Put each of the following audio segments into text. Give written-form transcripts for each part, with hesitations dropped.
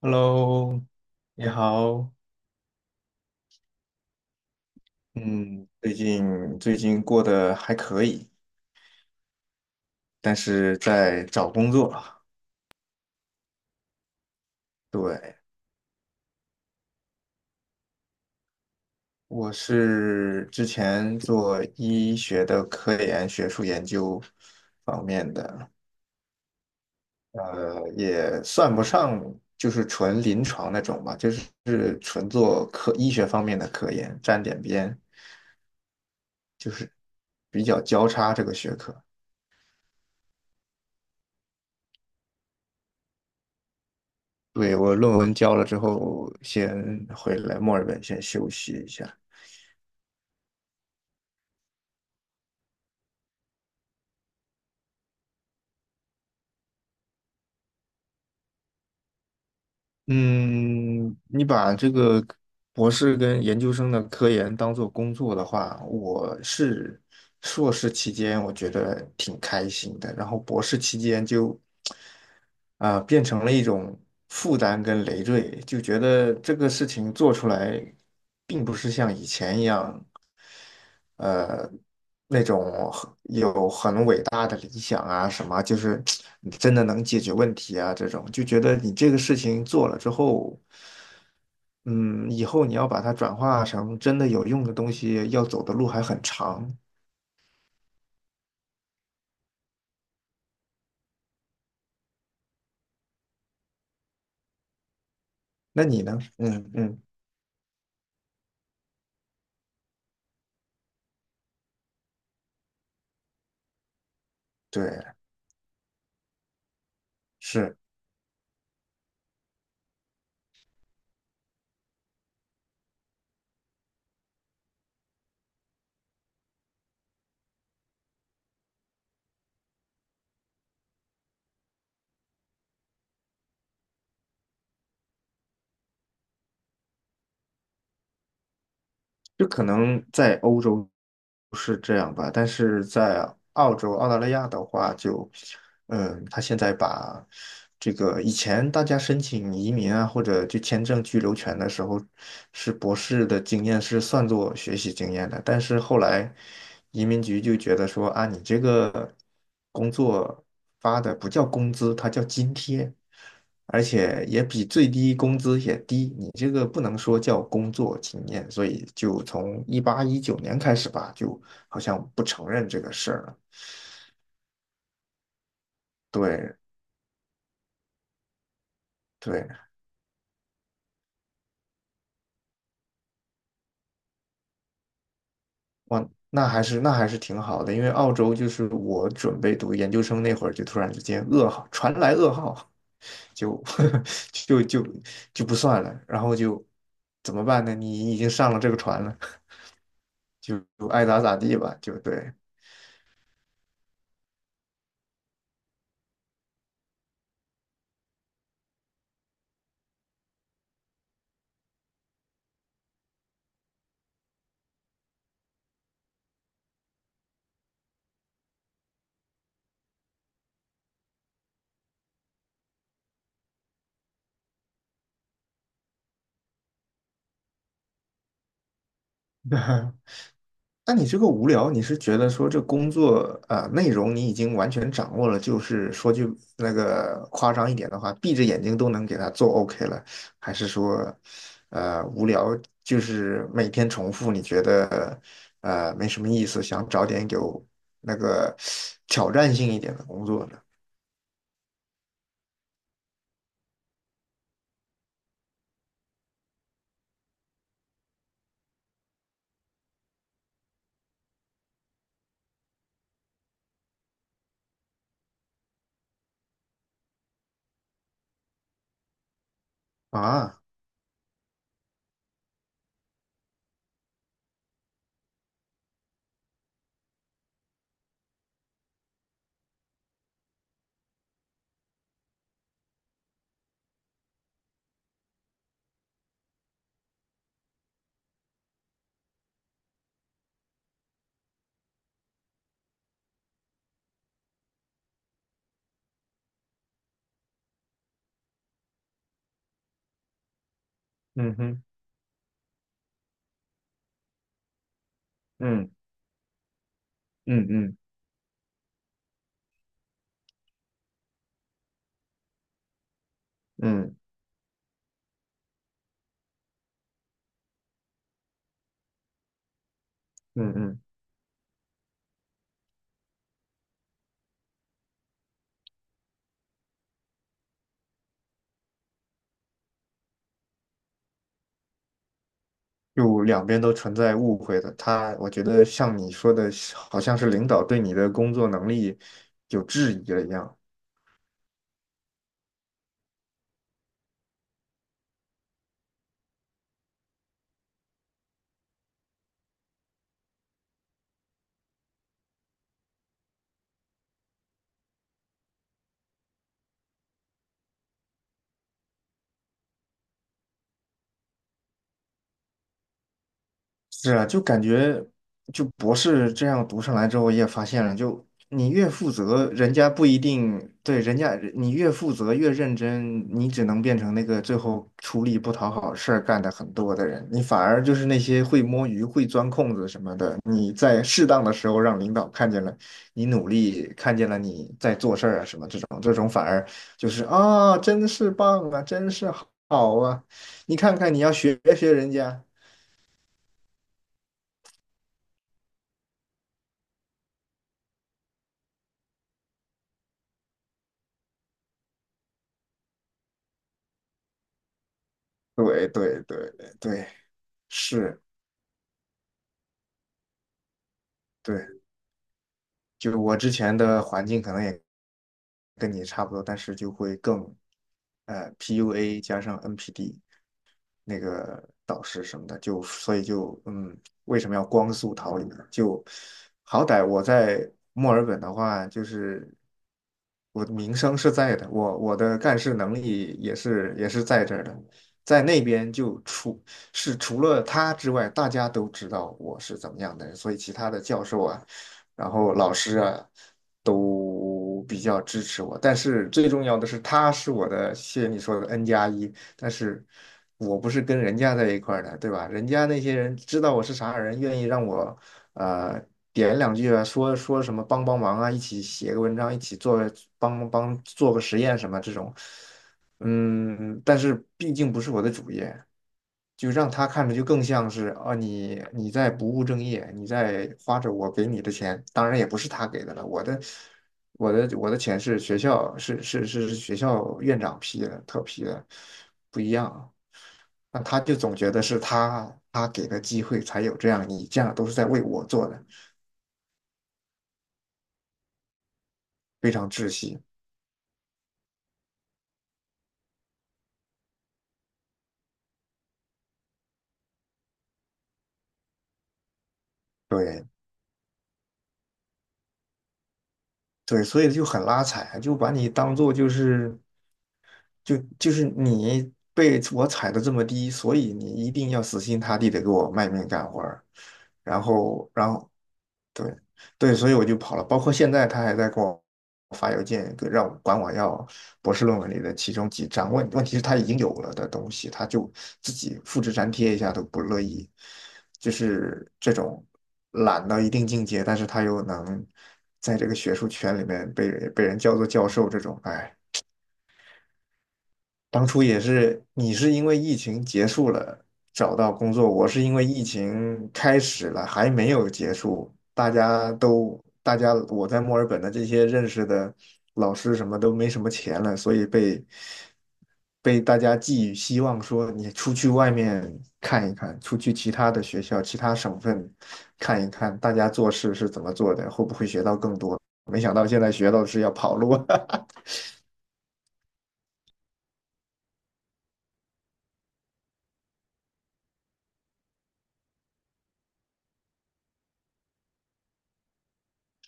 Hello，你好。嗯，最近过得还可以，但是在找工作啊。对，我是之前做医学的科研、学术研究方面的，也算不上就是纯临床那种吧，就是纯做科医学方面的科研，沾点边，就是比较交叉这个学科。对，我论文交了之后，先回来墨尔本先休息一下。嗯，你把这个博士跟研究生的科研当做工作的话，我是硕士期间我觉得挺开心的，然后博士期间就变成了一种负担跟累赘，就觉得这个事情做出来并不是像以前一样呃那种很伟大的理想啊，什么就是你真的能解决问题啊，这种就觉得你这个事情做了之后，嗯，以后你要把它转化成真的有用的东西，要走的路还很长。那你呢？嗯嗯，对，是。就可能在欧洲是这样吧，但是在澳洲、澳大利亚的话，就，嗯，他现在把这个以前大家申请移民啊，或者就签证居留权的时候，是博士的经验是算作学习经验的，但是后来移民局就觉得说啊，你这个工作发的不叫工资，它叫津贴。而且也比最低工资也低，你这个不能说叫工作经验，所以就从一八一九年开始吧，就好像不承认这个事儿了。对对，哇，那还是挺好的，因为澳洲就是我准备读研究生那会儿，就突然之间噩耗传来噩耗，就 就就就不算了，然后就怎么办呢？你已经上了这个船了，就爱咋咋地吧，就对。那你这个无聊，你是觉得说这工作内容你已经完全掌握了，就是说句那个夸张一点的话，闭着眼睛都能给它做 OK 了，还是说无聊，就是每天重复，你觉得没什么意思，想找点有那个挑战性一点的工作呢？啊，嗯哼，嗯嗯嗯嗯嗯。就两边都存在误会的。他，我觉得像你说的，好像是领导对你的工作能力有质疑了一样。是啊，就感觉就博士这样读上来之后，我也发现了，就你越负责，人家不一定对人家，你越负责越认真，你只能变成那个最后出力不讨好事儿干的很多的人，你反而就是那些会摸鱼、会钻空子什么的，你在适当的时候让领导看见了你努力，看见了你在做事儿啊什么这种，这种反而就是啊，真是棒啊，真是好啊，你看看你要学学人家。对对对对，是，对，就我之前的环境可能也跟你差不多，但是就会更PUA 加上 NPD，那个导师什么的，就所以就嗯，为什么要光速逃离呢？就好歹我在墨尔本的话，就是我的名声是在的，我的干事能力也是在这儿的，在那边就除了他之外，大家都知道我是怎么样的人，所以其他的教授啊，然后老师啊。都比较支持我，但是最重要的是，他是我的，谢谢你说的 N 加一，但是我不是跟人家在一块儿的，对吧？人家那些人知道我是啥人，愿意让我呃点两句啊，说说什么帮帮忙啊，一起写个文章，一起做帮帮做个实验什么这种，嗯，但是毕竟不是我的主业，就让他看着就更像是啊，你在不务正业，你在花着我给你的钱，当然也不是他给的了，我的钱是学校是学校院长批的，特批的，不一样。那他就总觉得是他给的机会才有这样，你这样都是在为我做的，非常窒息。对对，所以就很拉踩啊，就把你当做就是。就是你被我踩的这么低，所以你一定要死心塌地的给我卖命干活儿，然后，然后，对，对，所以我就跑了。包括现在他还在给我发邮件，让我要博士论文里的其中几章。问问题是他已经有了的东西，他就自己复制粘贴一下都不乐意，就是这种懒到一定境界，但是他又能在这个学术圈里面被人叫做教授，这种，哎。当初也是，你是因为疫情结束了找到工作，我是因为疫情开始了还没有结束。大家我在墨尔本的这些认识的老师什么都没什么钱了，所以被大家寄予希望，说你出去外面看一看，出去其他的学校、其他省份看一看，大家做事是怎么做的，会不会学到更多？没想到现在学到的是要跑路。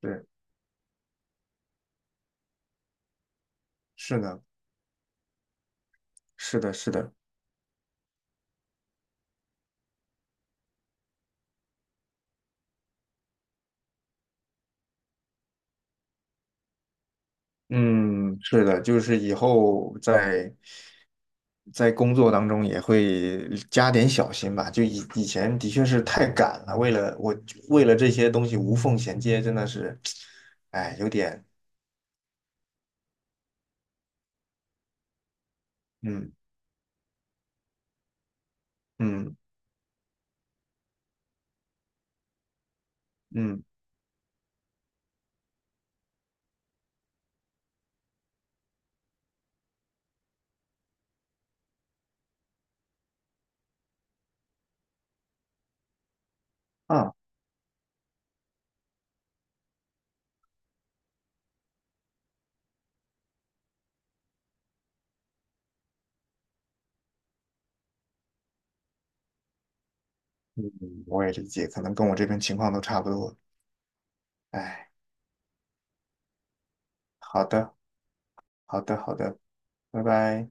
对，是的，是的。嗯，是的，就是以后在工作当中也会加点小心吧。就以前的确是太赶了，为了这些东西无缝衔接，真的是，哎，有点，嗯嗯嗯啊，嗯，我也理解，可能跟我这边情况都差不多。哎，好的，好的，拜拜。